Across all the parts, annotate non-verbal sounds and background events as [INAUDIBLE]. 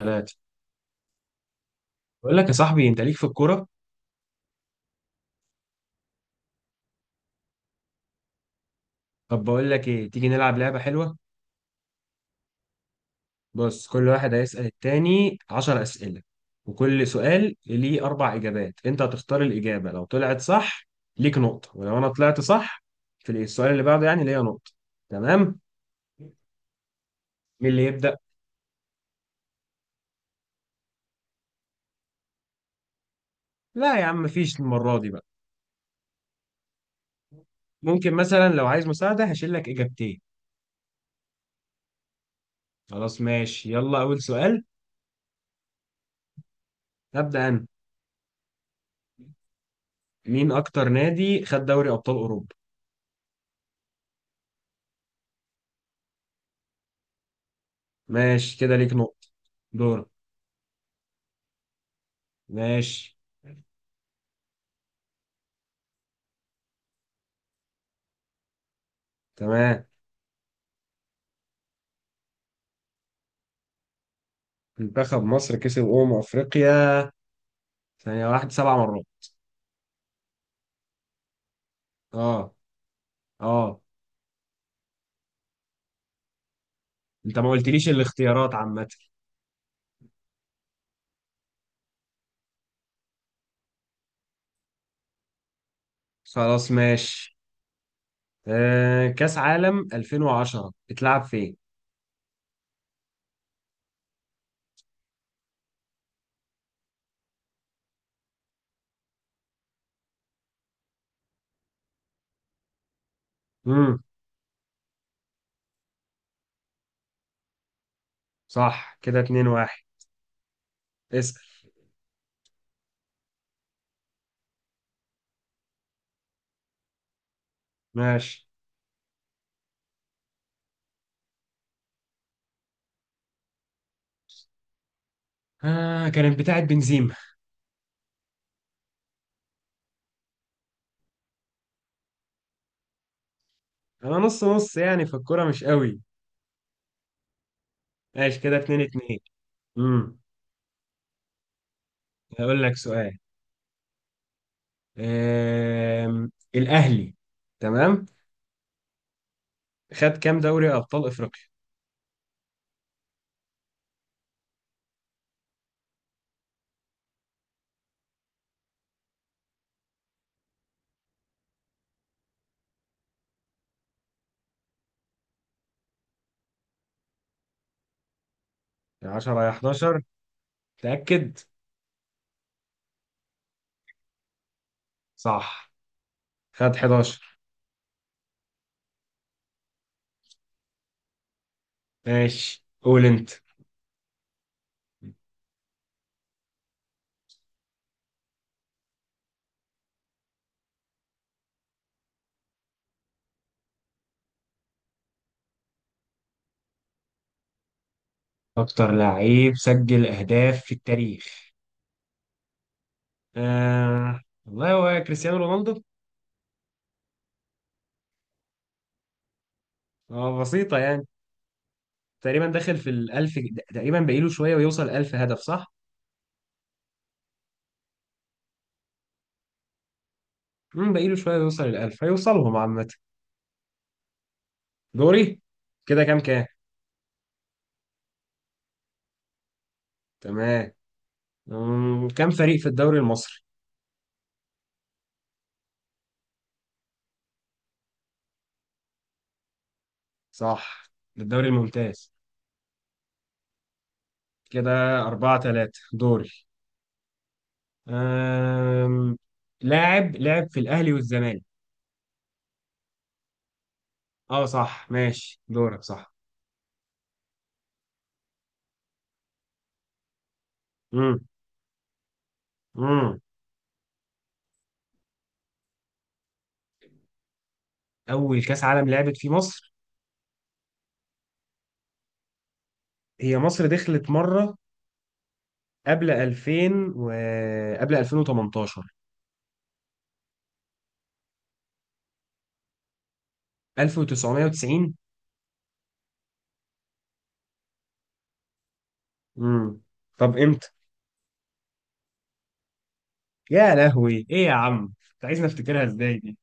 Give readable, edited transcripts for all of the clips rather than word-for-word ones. بنات. بقول لك يا صاحبي، انت ليك في الكوره. طب بقول لك ايه، تيجي نلعب لعبه حلوه؟ بص، كل واحد هيسال التاني 10 اسئله، وكل سؤال ليه اربع اجابات. انت هتختار الاجابه، لو طلعت صح ليك نقطه، ولو انا طلعت صح في السؤال اللي بعده يعني ليا نقطه. تمام؟ مين اللي يبدا؟ لا يا عم، مفيش المره دي بقى. ممكن مثلا لو عايز مساعده هشيل لك اجابتين. خلاص ماشي، يلا اول سؤال. هبدا انا. مين اكتر نادي خد دوري ابطال اوروبا؟ ماشي كده، ليك نقطه. دور. ماشي. تمام. منتخب مصر كسب أمم أفريقيا، ثانية واحدة، 7 مرات. اه. اه. انت ما قلتليش الاختيارات عامة. خلاص ماشي. كأس عالم 2010 اتلعب فين؟ امم صح كده، 2 1. اسأل. ماشي. كانت بتاعت بنزيما. انا نص نص يعني، في الكورة مش قوي. ماشي كده، 2 2. امم هقول لك سؤال. آه الأهلي. تمام. خد كام دوري أبطال أفريقيا؟ 10 يا 11. تأكد. صح. خد 11. ماشي قول انت. اكتر لعيب سجل اهداف في التاريخ؟ والله هو كريستيانو رونالدو. بسيطة يعني. تقريبا داخل في الألف. تقريبا باقيله شوية ويوصل 1000 هدف، صح؟ باقيله شوية ويوصل الألف، هيوصلهم عامة. دوري. كده كام كام؟ تمام. كام فريق في الدوري المصري؟ صح. الدوري الممتاز. كده 4-3. دوري. أم... لاعب لعب في الاهلي والزمالك. اه صح ماشي، دورك، صح. امم امم اول كاس عالم لعبت في مصر؟ هي مصر دخلت مره قبل 2000، و قبل 2018. 1990. امم طب امتى؟ يا لهوي، ايه يا عم، انت عايزني افتكرها ازاي دي؟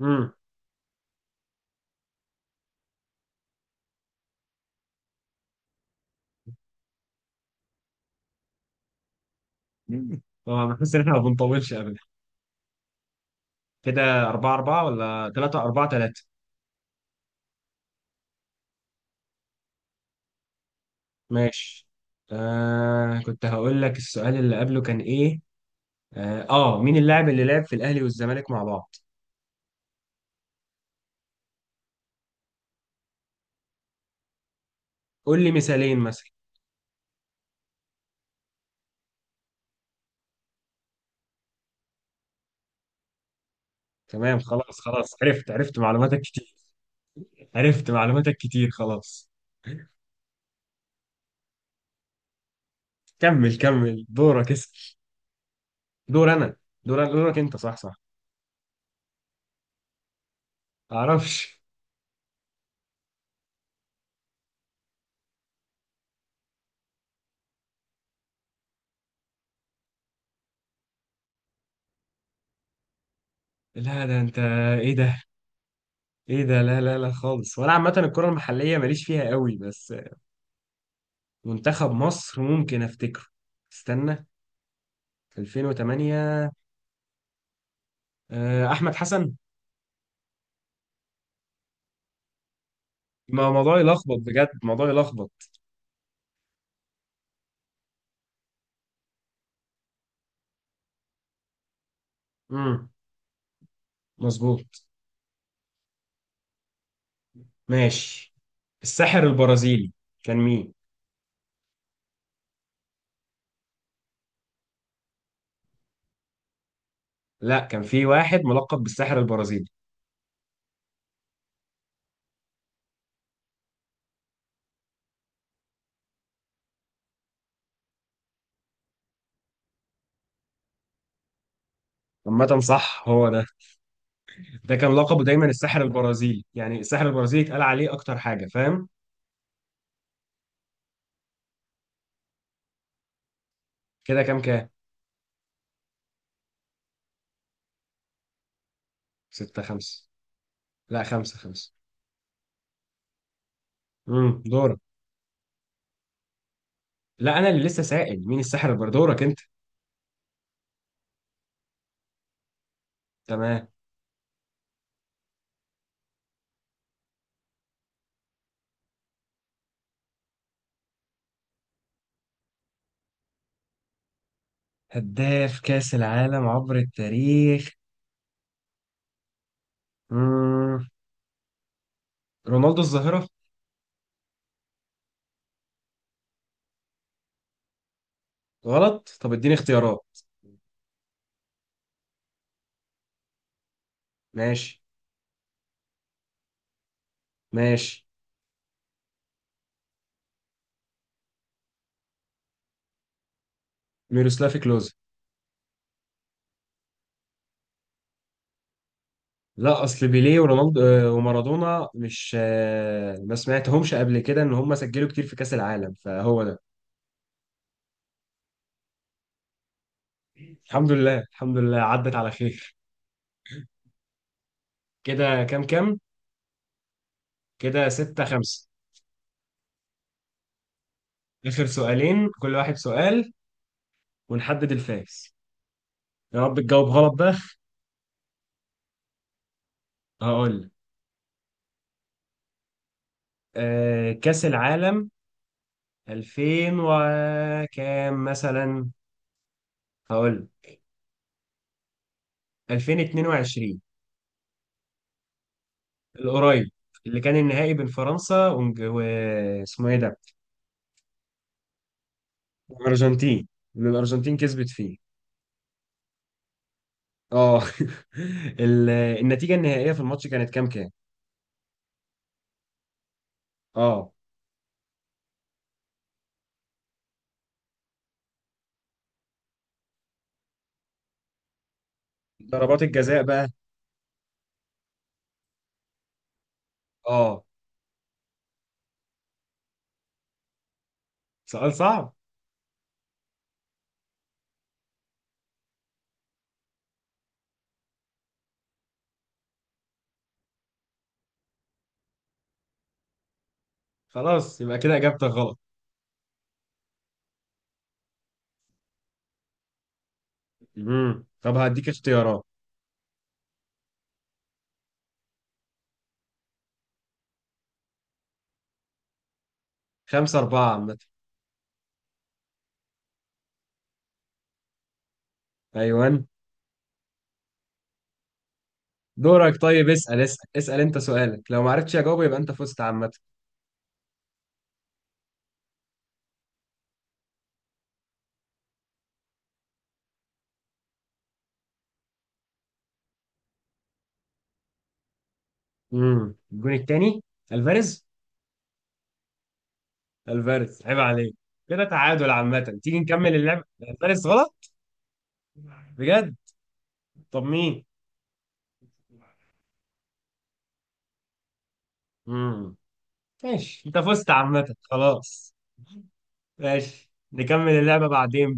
امم. [LAUGHS] طبعا بحس ان احنا ما بنطولش ابدا. كده 4 4 ولا 3 4 3؟ ماشي. كنت هقول لك، السؤال اللي قبله كان ايه؟ مين اللاعب اللي لعب في الاهلي والزمالك مع بعض؟ قول لي مثالين مثلا. تمام خلاص خلاص، عرفت عرفت، معلوماتك كتير. عرفت معلوماتك كتير، خلاص. كمل كمل دورك، اسأل. دور انا. دورك انت، صح صح. معرفش. لا ده انت. ايه ده؟ ايه ده؟ لا لا لا خالص، وانا عامه الكره المحليه ماليش فيها قوي بس. منتخب مصر ممكن افتكره. استنى. 2008. احمد حسن. ما موضوع يلخبط بجد، موضوع يلخبط. امم مظبوط. ماشي. الساحر البرازيلي كان مين؟ لا، كان في واحد ملقب بالساحر البرازيلي. عامة صح، هو ده. ده كان لقبه دايما الساحر البرازيلي، يعني الساحر البرازيلي اتقال عليه أكتر حاجة، فاهم؟ كده كام كام؟ 6-5. لا، 5-5. دورك. لا، أنا اللي لسه سائل مين الساحر البرازيلي، دورك أنت. تمام. هداف كأس العالم عبر التاريخ. امم رونالدو الظاهرة. غلط. طب اديني اختيارات. ماشي. ماشي. ميروسلاف كلوز. لا، اصل بيليه ورونالدو ومارادونا مش ما سمعتهمش قبل كده ان هم سجلوا كتير في كاس العالم، فهو ده. الحمد لله الحمد لله، عدت على خير. كده كام كام؟ كده 6-5. اخر سؤالين، كل واحد سؤال، ونحدد الفائز. يا رب تجاوب غلط بقى. هقول لك. كاس العالم 2000 وكام مثلا. هقول لك. 2022. القريب، اللي كان النهائي بين فرنسا واسمه ايه ده؟ الارجنتين. اللي الارجنتين كسبت فيه. اه. [LAUGHS] النتيجه النهائيه في الماتش كانت كام كام؟ اه. ضربات الجزاء بقى. اه. سؤال صعب. خلاص يبقى كده اجابتك غلط. طب هديك اختيارات. 5-4 عامة. أيوان. دورك، طيب اسأل اسأل اسأل أنت، سؤالك لو ما عرفتش أجاوبه يبقى أنت فزت عامة. الجون التاني. ألفاريز. ألفاريز، عيب عليك. كده تعادل عامة، تيجي نكمل اللعب. ألفاريز غلط، بجد؟ طب مين؟ امم. ماشي، انت فزت عامة، خلاص. ماشي، نكمل اللعبة بعدين.